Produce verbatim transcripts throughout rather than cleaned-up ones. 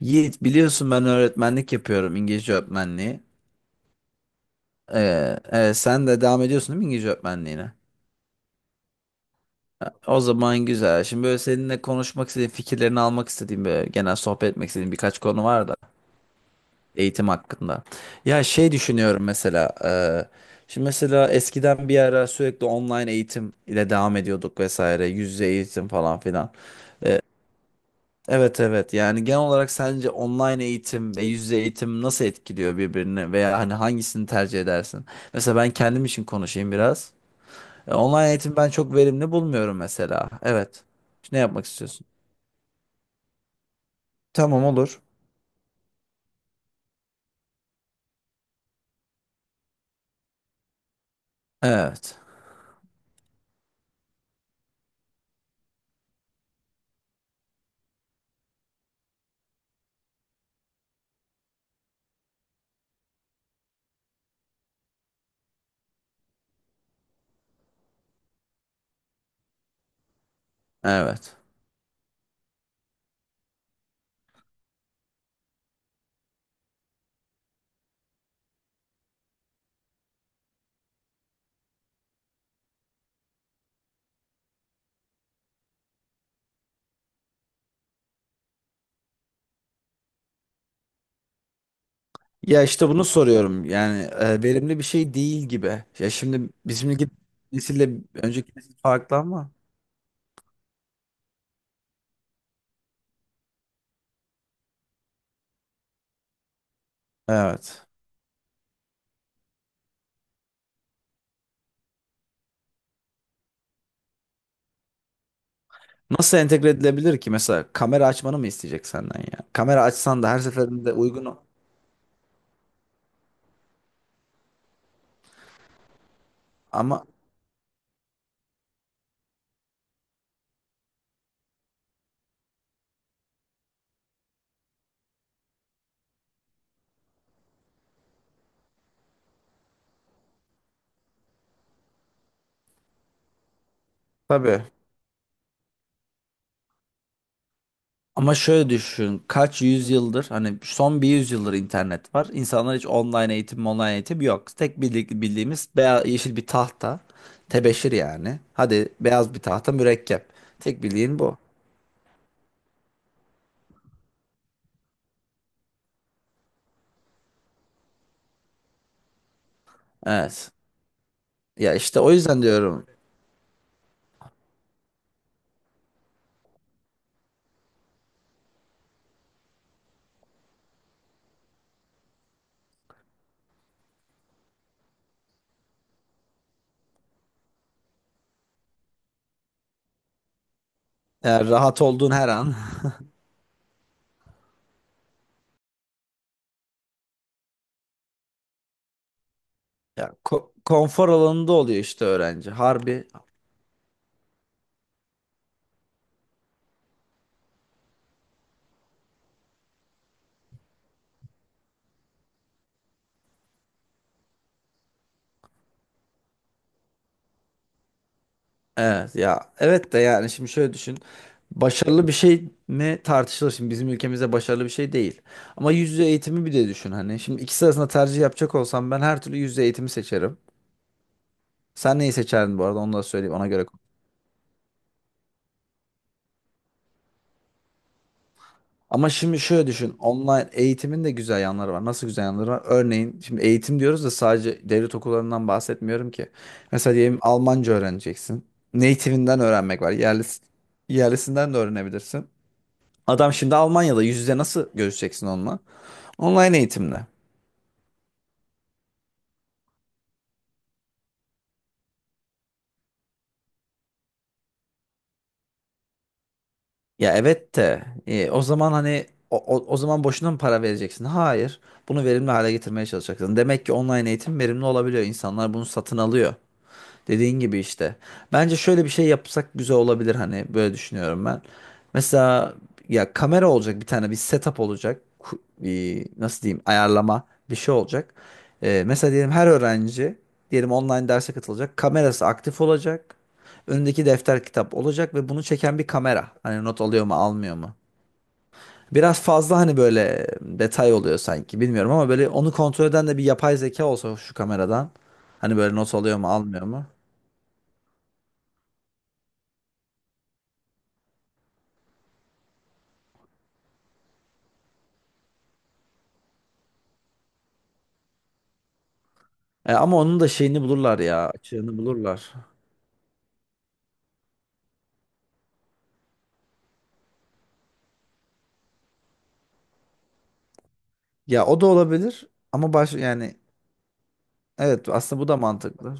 Yiğit biliyorsun ben öğretmenlik yapıyorum İngilizce öğretmenliği. Ee, evet, sen de devam ediyorsun değil mi İngilizce öğretmenliğine? O zaman güzel. Şimdi böyle seninle konuşmak istediğim, fikirlerini almak istediğim, böyle genel sohbet etmek istediğim birkaç konu var da eğitim hakkında. Ya şey düşünüyorum mesela. E, şimdi mesela eskiden bir ara sürekli online eğitim ile devam ediyorduk vesaire, yüz yüze eğitim falan filan. Evet evet, yani genel olarak sence online eğitim ve yüz yüze eğitim nasıl etkiliyor birbirini veya hani hangisini tercih edersin? Mesela ben kendim için konuşayım biraz. E, Online eğitim ben çok verimli bulmuyorum mesela. Evet. Ne yapmak istiyorsun? Tamam olur. Evet. Evet. Ya işte bunu soruyorum yani e, verimli bir şey değil gibi. Ya şimdi bizimki nesille önceki nesil farklı ama. Evet. Nasıl entegre edilebilir ki? Mesela kamera açmanı mı isteyecek senden ya? Kamera açsan da her seferinde uygun. Ama tabii. Ama şöyle düşün. Kaç yüzyıldır hani son bir yüzyıldır internet var. İnsanlar hiç online eğitim, online eğitim yok. Tek bildi- bildiğimiz beyaz, yeşil bir tahta. Tebeşir yani. Hadi beyaz bir tahta mürekkep. Tek bildiğin bu. Evet. Ya işte o yüzden diyorum. Eğer rahat olduğun her an ya, ko- konfor alanında oluyor işte öğrenci. Harbi evet ya, evet de yani şimdi şöyle düşün. Başarılı bir şey mi tartışılır, şimdi bizim ülkemizde başarılı bir şey değil. Ama yüz yüze eğitimi bir de düşün hani. Şimdi ikisi arasında tercih yapacak olsam ben her türlü yüz yüze eğitimi seçerim. Sen neyi seçerdin bu arada, onu da söyleyeyim ona göre. Ama şimdi şöyle düşün. Online eğitimin de güzel yanları var. Nasıl güzel yanları var? Örneğin şimdi eğitim diyoruz da sadece devlet okullarından bahsetmiyorum ki. Mesela diyelim Almanca öğreneceksin. Native'inden öğrenmek var. Yerlis, yerlisinden de öğrenebilirsin. Adam şimdi Almanya'da, yüz yüze nasıl görüşeceksin onunla? Online eğitimle. Ya evet de e, o zaman hani o, o, o zaman boşuna mı para vereceksin? Hayır. Bunu verimli hale getirmeye çalışacaksın. Demek ki online eğitim verimli olabiliyor. İnsanlar bunu satın alıyor. Dediğin gibi işte. Bence şöyle bir şey yapsak güzel olabilir, hani böyle düşünüyorum ben. Mesela ya kamera olacak, bir tane bir setup olacak. Ku- Bir, nasıl diyeyim ayarlama bir şey olacak. Ee, mesela diyelim her öğrenci diyelim online derse katılacak. Kamerası aktif olacak. Önündeki defter kitap olacak ve bunu çeken bir kamera. Hani not alıyor mu almıyor mu? Biraz fazla hani böyle detay oluyor sanki bilmiyorum, ama böyle onu kontrol eden de bir yapay zeka olsa şu kameradan. Hani böyle not alıyor mu almıyor mu? E, ama onun da şeyini bulurlar ya. Açığını bulurlar. Ya o da olabilir ama baş yani evet, aslında bu da mantıklı.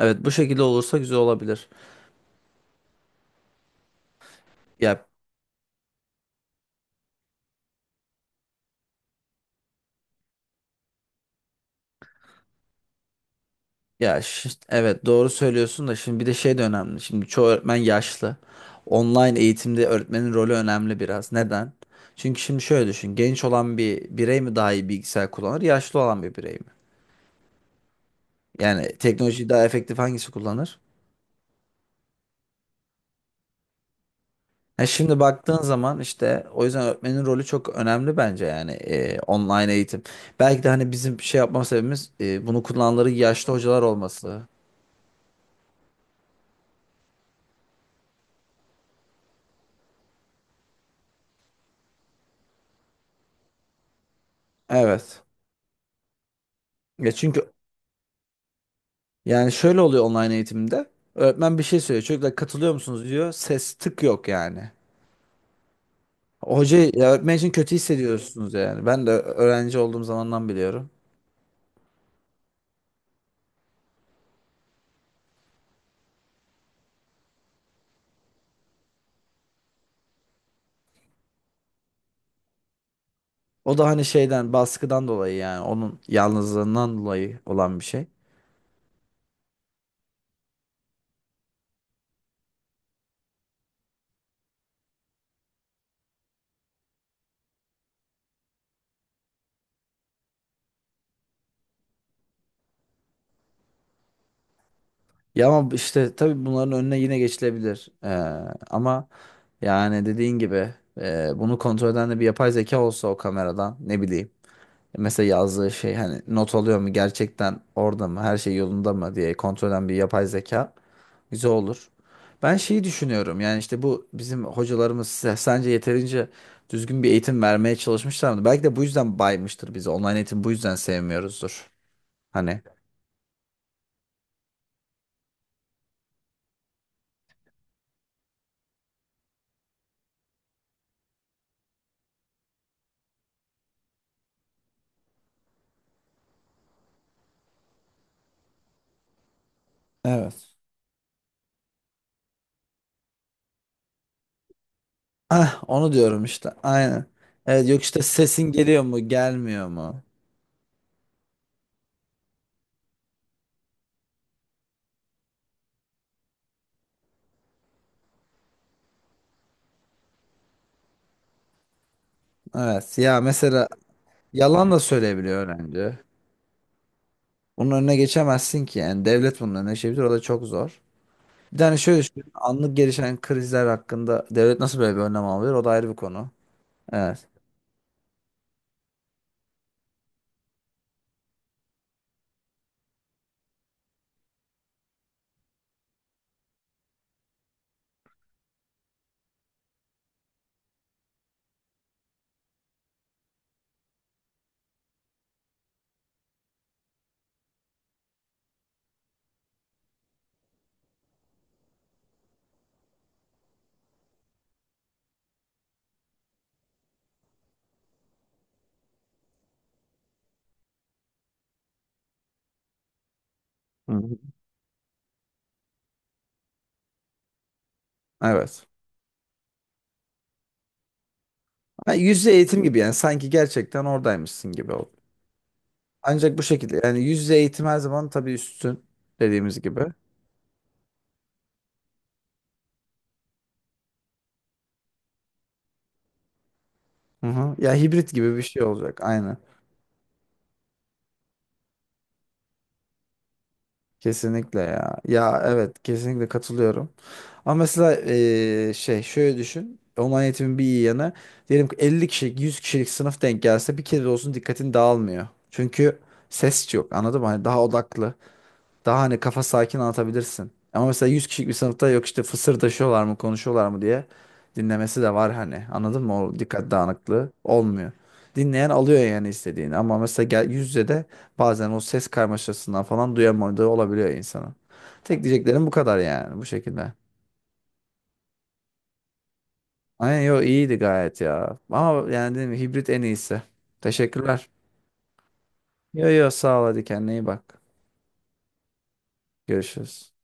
Evet, bu şekilde olursa güzel olabilir. Ya ya şi- evet, doğru söylüyorsun da şimdi bir de şey de önemli. Şimdi çoğu öğretmen yaşlı. Online eğitimde öğretmenin rolü önemli biraz. Neden? Çünkü şimdi şöyle düşün. Genç olan bir birey mi daha iyi bilgisayar kullanır, yaşlı olan bir birey mi? Yani teknolojiyi daha efektif hangisi kullanır? E şimdi baktığın zaman işte o yüzden öğretmenin rolü çok önemli bence yani e, online eğitim. Belki de hani bizim şey yapma sebebimiz e, bunu kullananların yaşlı hocalar olması. Evet. Ya çünkü yani şöyle oluyor online eğitimde. Öğretmen bir şey söylüyor. Çocuklar katılıyor musunuz diyor. Ses tık yok yani. Hoca ya öğretmen için kötü hissediyorsunuz yani. Ben de öğrenci olduğum zamandan biliyorum. O da hani şeyden baskıdan dolayı yani, onun yalnızlığından dolayı olan bir şey. Ya ama işte tabii bunların önüne yine geçilebilir. Ee, ama yani dediğin gibi e, bunu kontrol eden de bir yapay zeka olsa o kameradan ne bileyim. Mesela yazdığı şey hani not alıyor mu gerçekten, orada mı, her şey yolunda mı diye kontrol eden bir yapay zeka güzel olur. Ben şeyi düşünüyorum yani, işte bu bizim hocalarımız size- sence yeterince düzgün bir eğitim vermeye çalışmışlar mı? Belki de bu yüzden baymıştır bizi online eğitim, bu yüzden sevmiyoruzdur. Hani. Evet. Ah, onu diyorum işte. Aynen. Evet, yok işte sesin geliyor mu, gelmiyor mu? Evet. Ya mesela yalan da söyleyebiliyor öğrenci. Bunun önüne geçemezsin ki. Yani devlet bunun önüne geçebilir. O da çok zor. Bir tane şöyle düşün. Anlık gelişen krizler hakkında devlet nasıl böyle bir önlem alıyor? O da ayrı bir konu. Evet. Hı hı. Evet. Ha, yüz yüze eğitim gibi yani, sanki gerçekten oradaymışsın gibi oldu. Ancak bu şekilde yani yüz yüze eğitim her zaman tabii üstün, dediğimiz gibi. Hı hı. Ya hibrit gibi bir şey olacak. Aynen. Kesinlikle ya. Ya evet, kesinlikle katılıyorum. Ama mesela eee, şey şöyle düşün. Online eğitimin bir iyi yanı. Diyelim ki elli kişilik, yüz kişilik sınıf denk gelse bir kere de olsun, dikkatin dağılmıyor. Çünkü ses yok, anladın mı? Hani daha odaklı. Daha hani kafa sakin anlatabilirsin. Ama mesela yüz kişilik bir sınıfta yok işte fısırdaşıyorlar mı, konuşuyorlar mı diye dinlemesi de var hani. Anladın mı? O dikkat dağınıklığı olmuyor. Dinleyen alıyor yani istediğini. Ama mesela gel, yüz yüze de bazen o ses karmaşasından falan duyamadığı olabiliyor insanın. Tek diyeceklerim bu kadar yani, bu şekilde. Aynen, yo iyiydi gayet ya. Ama yani dedim, hibrit en iyisi. Teşekkürler. Yo yo, sağ ol, hadi kendine iyi bak. Görüşürüz.